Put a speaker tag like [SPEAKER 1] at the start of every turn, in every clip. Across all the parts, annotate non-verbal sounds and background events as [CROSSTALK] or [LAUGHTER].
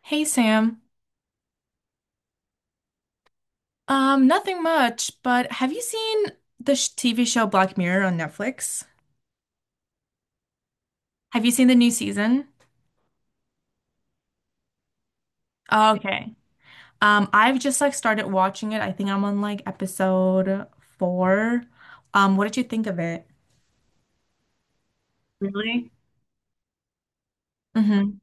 [SPEAKER 1] Hey Sam. Nothing much, but have you seen the sh TV show Black Mirror on Netflix? Have you seen the new season? Okay. I've just like started watching it. I think I'm on like episode four. What did you think of it? Really? Mm-hmm.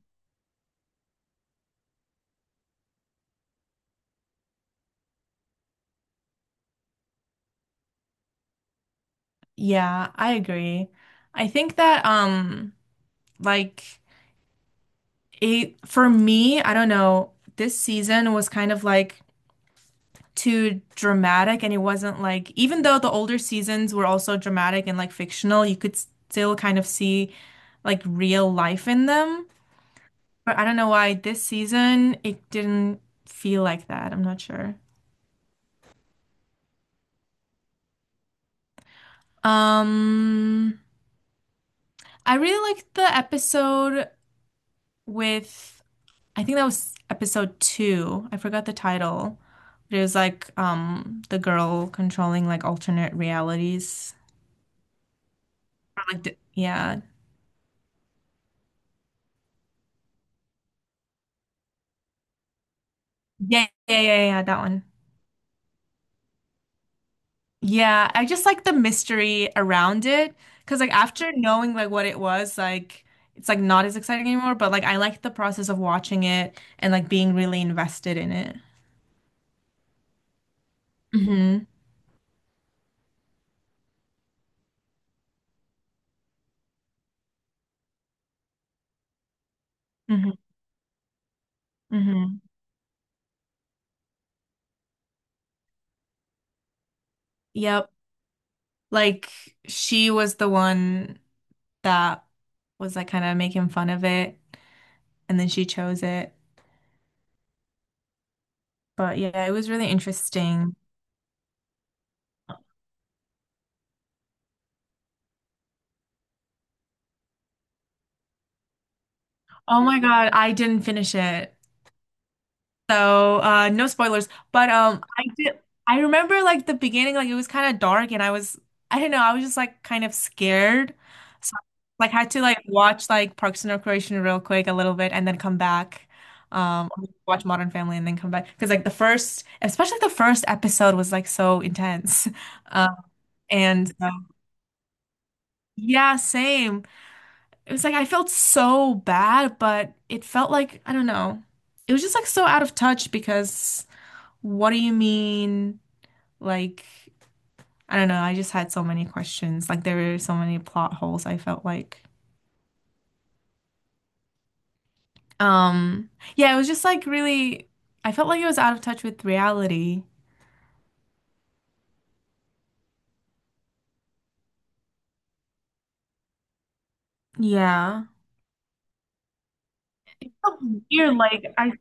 [SPEAKER 1] Yeah, I agree. I think that like it for me, I don't know, this season was kind of like too dramatic and it wasn't like even though the older seasons were also dramatic and like fictional, you could still kind of see like real life in them. But I don't know why this season it didn't feel like that. I'm not sure. Um, I really liked the episode with I think that was episode two. I forgot the title. But it was like the girl controlling like alternate realities. Or, like, yeah. Yeah, yeah, yeah, yeah, that one. Yeah, I just like the mystery around it because like after knowing like what it was, like it's like not as exciting anymore, but like I like the process of watching it and like being really invested in it. hmm hmm hmm Yep. Like she was the one that was like kind of making fun of it and then she chose it. But yeah, it was really interesting. Oh my God, I didn't finish it. So, no spoilers, but I did. I remember like the beginning, like it was kind of dark, and I was, I don't know, I was just like kind of scared. So, like, had to like watch like Parks and Recreation real quick a little bit, and then come back. Or watch Modern Family and then come back because like the first, especially the first episode was like so intense. [LAUGHS] Um, and Yeah, same. It was like I felt so bad, but it felt like I don't know. It was just like so out of touch because. What do you mean? Like, I don't know. I just had so many questions. Like, there were so many plot holes, I felt like. Um, yeah, it was just like really, I felt like it was out of touch with reality. Yeah. Felt weird, like I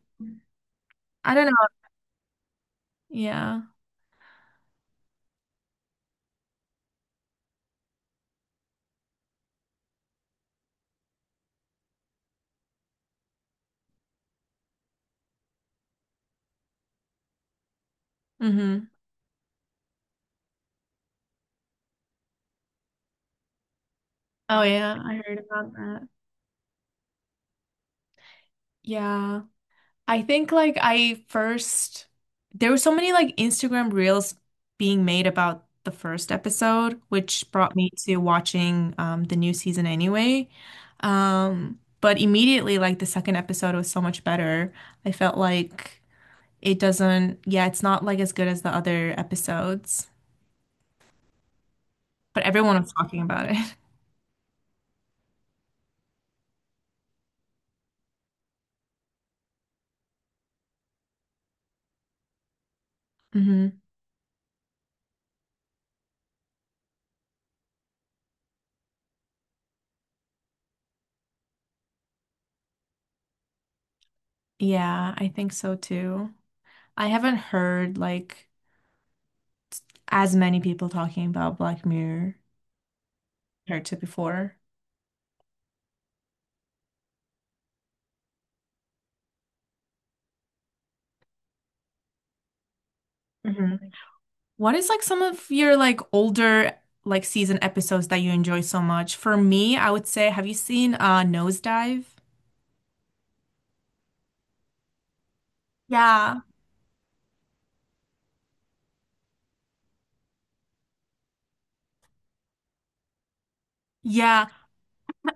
[SPEAKER 1] I don't know. Yeah. Mm-hmm. Oh yeah, I heard about that. Yeah. I think like I first there were so many like Instagram reels being made about the first episode, which brought me to watching the new season anyway. But immediately, like the second episode was so much better. I felt like it doesn't, yeah, it's not like as good as the other episodes, but everyone was talking about it. [LAUGHS] hmm Yeah, I think so too. I haven't heard like as many people talking about Black Mirror compared to before. hmm What is like some of your like older like season episodes that you enjoy so much? For me, I would say, have you seen Nosedive? Yeah. Yeah,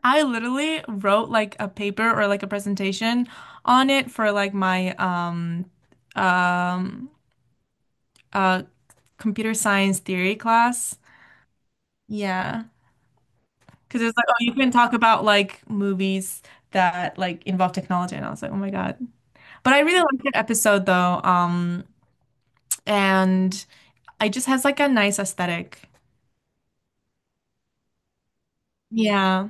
[SPEAKER 1] I literally wrote like a paper or like a presentation on it for like my um uh computer science theory class. Yeah. Because it's like, oh, you can talk about like movies that like involve technology. And I was like, oh my God. But I really liked that episode though. And It just has like a nice aesthetic. Yeah,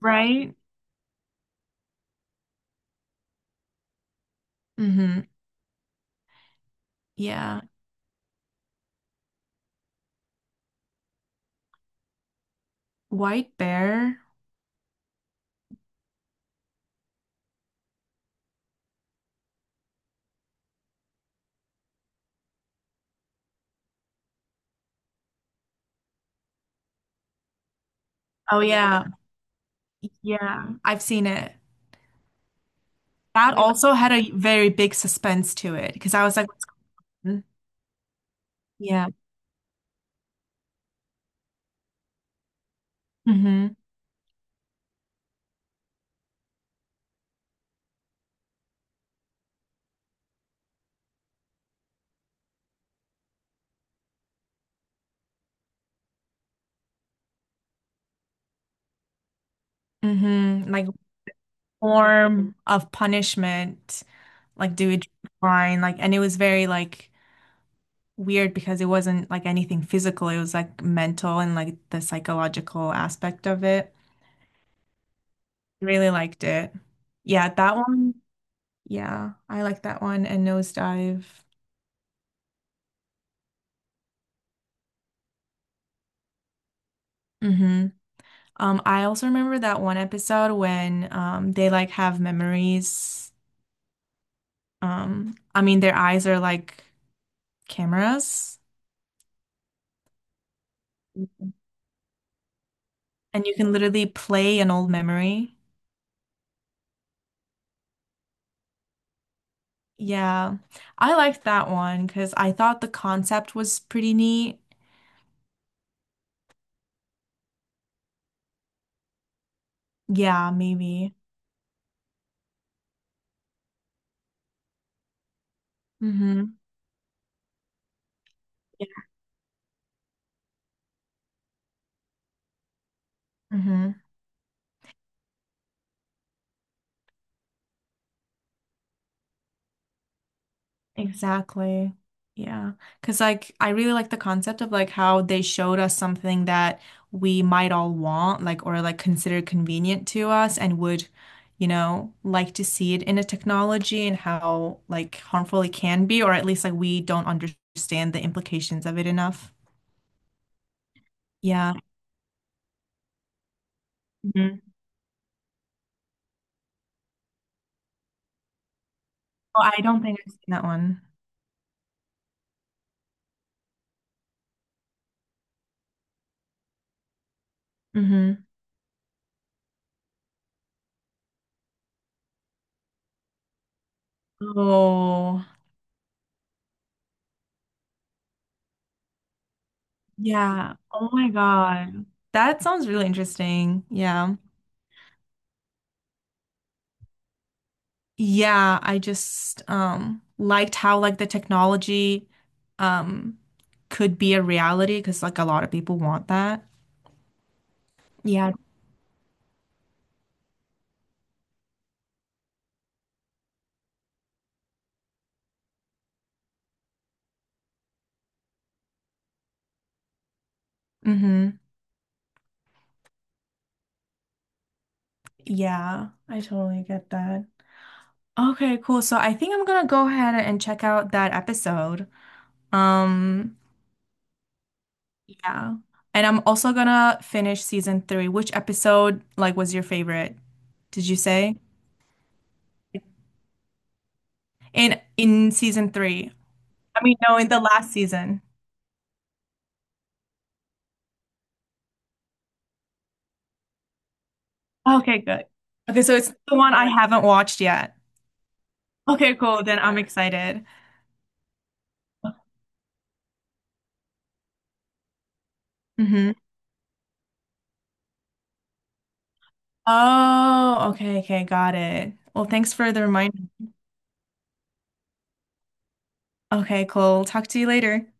[SPEAKER 1] right? Mm-hmm. Yeah. White Bear. Oh yeah. Yeah. I've seen it. That also had a very big suspense to it because I was like, what's going on? Yeah. Mm-hmm. Mm-hmm. Like form of punishment. Like do it fine. Like and it was very like weird because it wasn't like anything physical. It was like mental and like the psychological aspect of it. Really liked it. Yeah, that one. Yeah, I like that one and Nosedive. hmm I also remember that one episode when they like have memories. I mean their eyes are like cameras and you can literally play an old memory. Yeah. I liked that one because I thought the concept was pretty neat. Yeah, maybe. Mm-hmm. Mm-hmm. Exactly. Yeah. 'Cause like I really like the concept of like how they showed us something that we might all want, like or like consider convenient to us and would, you know, like to see it in a technology and how like harmful it can be, or at least like we don't understand the implications of it enough. Yeah. Mhm. Oh, I don't think I've seen that one. hmm Oh, yeah. Oh my God. That sounds really interesting. Yeah. Yeah, I just liked how like the technology um could be a reality because like a lot of people want that. Yeah. Mm-hmm. Yeah, I totally get that. Okay, cool. So I think I'm gonna go ahead and check out that episode. Um, yeah. And I'm also gonna finish season three. Which episode like was your favorite? Did you say? In season three. I mean, no, in the last season. Okay, good. Okay, so it's the one I haven't watched yet. Okay, cool. Then I'm excited. hmm Oh, okay, okay, got it. Well, thanks for the reminder. Okay, cool. Talk to you later.